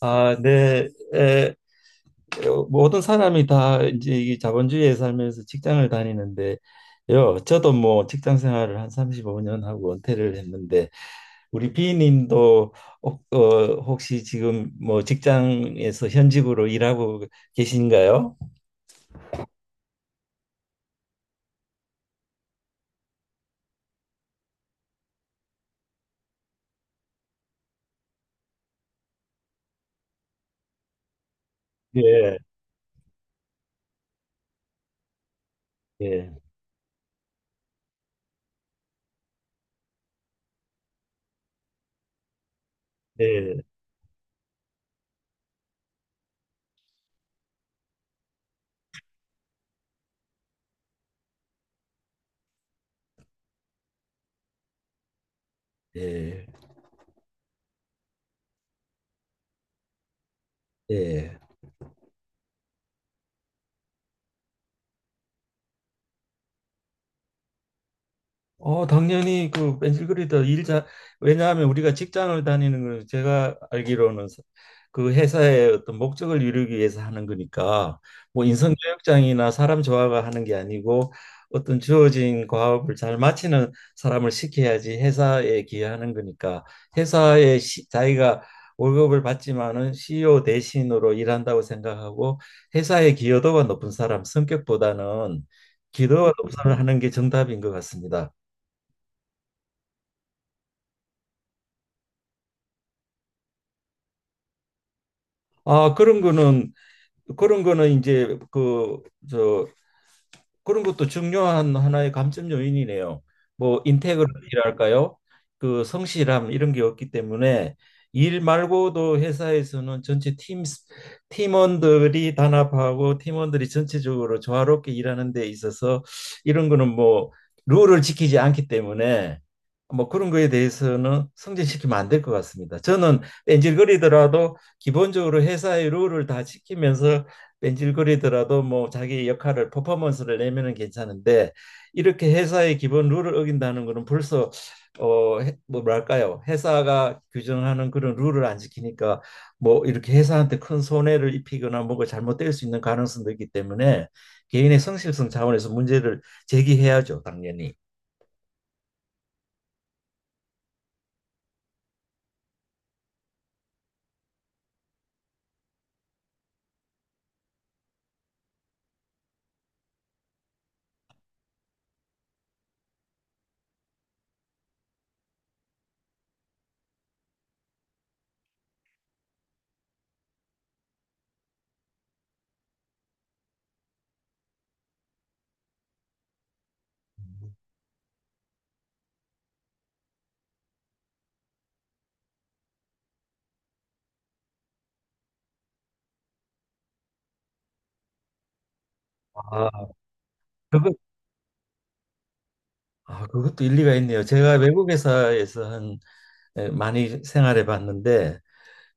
아, 네. 에, 모든 사람이 다 이제 이 자본주의에 살면서 직장을 다니는데요. 저도 뭐 직장 생활을 한 35년 하고 은퇴를 했는데 우리 비님도 혹시 지금 뭐 직장에서 현직으로 일하고 계신가요? 예, 예, 예, 예, 예. 당연히 그 벤질그리더 일자 왜냐하면 우리가 직장을 다니는 건 제가 알기로는 그 회사의 어떤 목적을 이루기 위해서 하는 거니까 뭐 인성 교육장이나 사람 조화가 하는 게 아니고 어떤 주어진 과업을 잘 마치는 사람을 시켜야지 회사에 기여하는 거니까 회사에 자기가 월급을 받지만은 CEO 대신으로 일한다고 생각하고 회사의 기여도가 높은 사람 성격보다는 기여도가 높은 사람을 하는 게 정답인 것 같습니다. 아, 그런 거는 이제 저, 그런 것도 중요한 하나의 감점 요인이네요. 뭐 인테그리티랄까요? 그 성실함 이런 게 없기 때문에 일 말고도 회사에서는 전체 팀 팀원들이 단합하고 팀원들이 전체적으로 조화롭게 일하는 데 있어서 이런 거는 뭐 룰을 지키지 않기 때문에 뭐 그런 거에 대해서는 승진시키면 안 될 것 같습니다. 저는 뺀질거리더라도 기본적으로 회사의 룰을 다 지키면서 뺀질거리더라도 뭐 자기 역할을 퍼포먼스를 내면은 괜찮은데 이렇게 회사의 기본 룰을 어긴다는 거는 벌써 어뭐 뭐랄까요? 회사가 규정하는 그런 룰을 안 지키니까 뭐 이렇게 회사한테 큰 손해를 입히거나 뭐가 잘못될 수 있는 가능성도 있기 때문에 개인의 성실성 차원에서 문제를 제기해야죠, 당연히. 아 그거 아, 그것도 일리가 있네요. 제가 외국 회사에서 한 많이 생활해 봤는데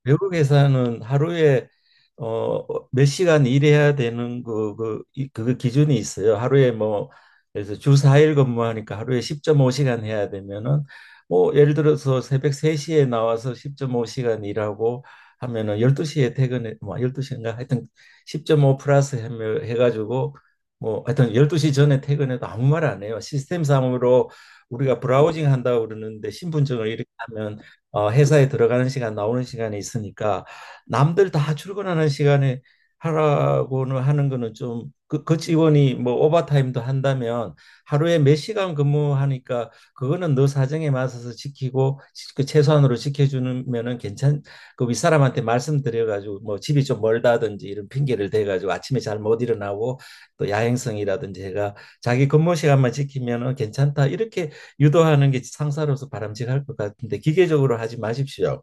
외국에서는 하루에 어, 몇 시간 일해야 되는 그 기준이 있어요. 하루에 뭐, 그래서 주 4일 근무하니까 하루에 10.5시간 해야 되면은, 뭐, 예를 들어서 새벽 3시에 나와서 10.5시간 일하고 하면은 12시에 퇴근해, 뭐, 12시인가? 하여튼 10.5 플러스 해가지고, 뭐, 하여튼 12시 전에 퇴근해도 아무 말 안 해요. 시스템상으로 우리가 브라우징 한다고 그러는데 신분증을 이렇게 하면 회사에 들어가는 시간 나오는 시간이 있으니까 남들 다 출근하는 시간에 하라고는 하는 거는 좀 그 직원이 뭐 오버타임도 한다면 하루에 몇 시간 근무하니까 그거는 너 사정에 맞춰서 지키고 그 최소한으로 지켜주면은 괜찮 그 윗사람한테 말씀드려 가지고 뭐 집이 좀 멀다든지 이런 핑계를 대 가지고 아침에 잘 못 일어나고 또 야행성이라든지 해가 자기 근무 시간만 지키면은 괜찮다 이렇게 유도하는 게 상사로서 바람직할 것 같은데 기계적으로 하지 마십시오.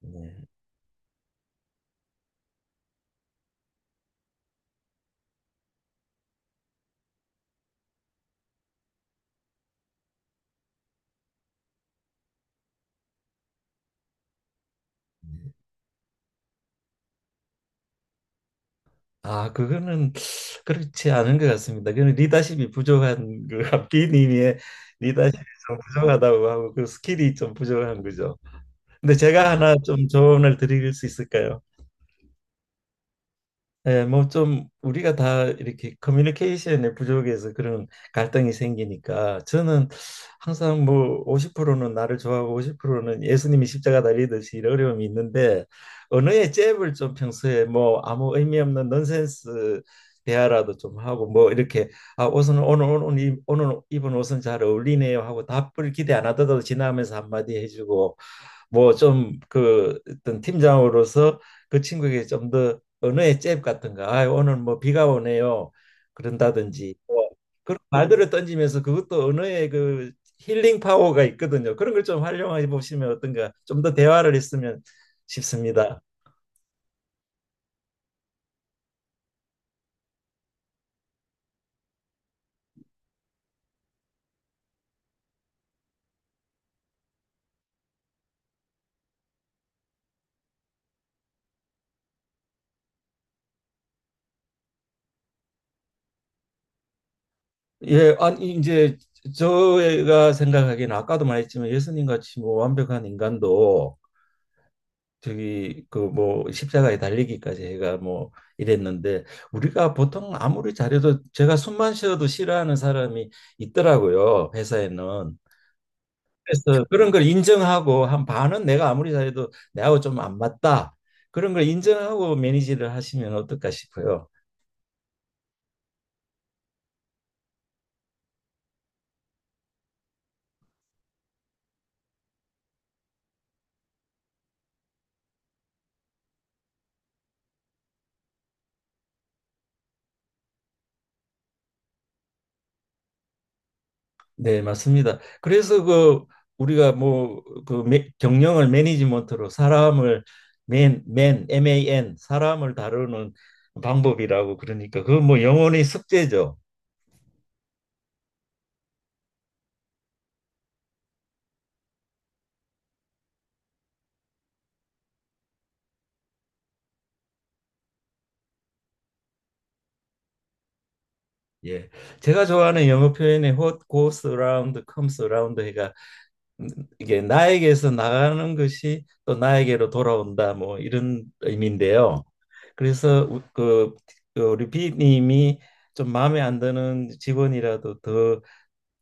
네. 아, 그거는 그렇지 않은 것 같습니다. 그는 리더십이 부족한 그 B님의 리더십이 좀 부족하다고 하고 그 스킬이 좀 부족한 거죠. 근데 제가 하나 좀 조언을 드릴 수 있을까요? 예, 뭐좀 우리가 다 이렇게 커뮤니케이션의 부족에서 그런 갈등이 생기니까 저는 항상 뭐 50%는 나를 좋아하고 50%는 예수님이 십자가 달리듯이 이런 어려움이 있는데 언어의 잽을 좀 평소에 뭐 아무 의미 없는 넌센스 대화라도 좀 하고 뭐 이렇게 아, 옷은 오늘 오늘 이- 오늘 입은 옷은 잘 어울리네요 하고 답을 기대 안 하더라도 지나면서 한마디 해주고 뭐 좀 그 어떤 팀장으로서 그 친구에게 좀 더 언어의 잽 같은 거, 아, 오늘 뭐 비가 오네요. 그런다든지 뭐 그런 말들을 던지면서 그것도 언어의 그 힐링 파워가 있거든요. 그런 걸 좀 활용해 보시면 어떤가, 좀 더 대화를 했으면 싶습니다. 예, 아니 이제 저희가 생각하기에는 아까도 말했지만 예수님 같이 뭐 완벽한 인간도 저기 그 뭐 십자가에 달리기까지 해가 뭐 이랬는데 우리가 보통 아무리 잘해도 제가 숨만 쉬어도 싫어하는 사람이 있더라고요, 회사에는. 그래서 그런 걸 인정하고 한 반은 내가 아무리 잘해도 내하고 좀 안 맞다 그런 걸 인정하고 매니지를 하시면 어떨까 싶어요. 네, 맞습니다. 그래서 그 우리가 뭐 그 경영을 매니지먼트로 사람을 MAN 사람을 다루는 방법이라고 그러니까 그 뭐 영혼의 숙제죠. 예. 제가 좋아하는 영어 표현의 what goes around comes around 해가 음, 이게 나에게서 나가는 것이 또 나에게로 돌아온다 뭐 이런 의미인데요. 그래서 그 우리 비님이 좀 마음에 안 드는 직원이라도 더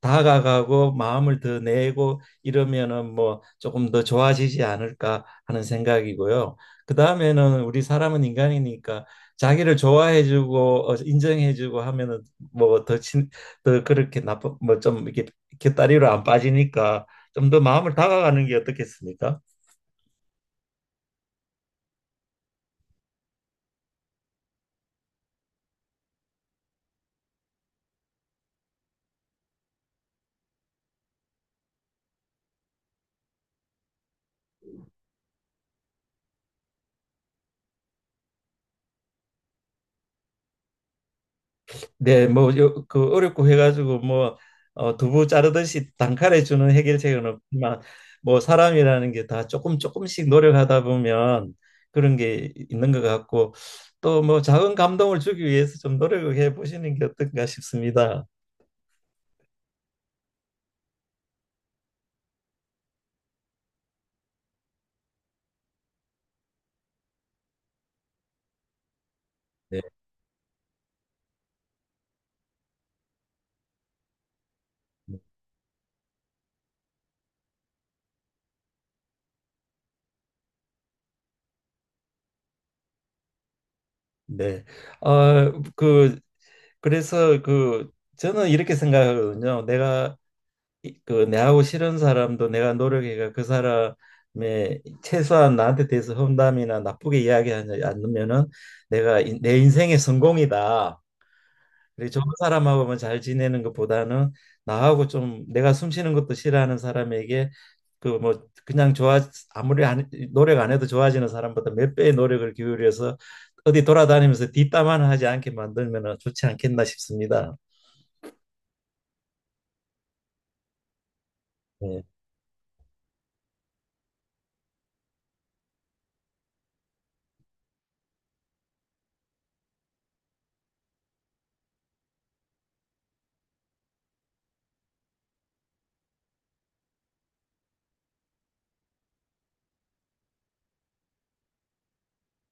다가가고 마음을 더 내고 이러면은 뭐 조금 더 좋아지지 않을까 하는 생각이고요. 그다음에는 우리 사람은 인간이니까 자기를 좋아해주고 인정해주고 하면은 뭐더친더 그렇게 나쁜 뭐 좀 이렇게 곁다리로 안 빠지니까 좀 더 마음을 다가가는 게 어떻겠습니까? 네, 뭐, 어렵고 해가지고, 뭐, 두부 자르듯이 단칼에 주는 해결책은 없지만, 뭐, 사람이라는 게 다 조금 조금씩 노력하다 보면 그런 게 있는 것 같고, 또 뭐, 작은 감동을 주기 위해서 좀 노력을 해 보시는 게 어떤가 싶습니다. 네. 어, 그, 그래서 그, 저는 이렇게 생각하거든요. 내가 그 내하고 싫은 사람도 내가 노력해가 그 사람의 최소한 나한테 대해서 험담이나 나쁘게 이야기하지 않으면은 내가 내 인생의 성공이다. 그리고 좋은 사람하고만 잘 지내는 것보다는 나하고 좀 내가 숨 쉬는 것도 싫어하는 사람에게 그 뭐 그냥 좋아 아무리 안, 노력 안 해도 좋아지는 사람보다 몇 배의 노력을 기울여서 어디 돌아다니면서 뒷담화는 하지 않게 만들면은 좋지 않겠나 싶습니다. 네.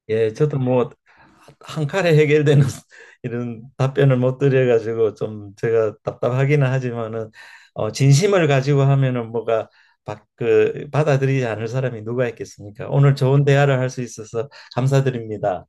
예, 저도 뭐 한 칼에 해결되는 이런 답변을 못 드려가지고 좀 제가 답답하기는 하지만은 진심을 가지고 하면은 뭐가 받아들이지 않을 사람이 누가 있겠습니까? 오늘 좋은 대화를 할 수 있어서 감사드립니다.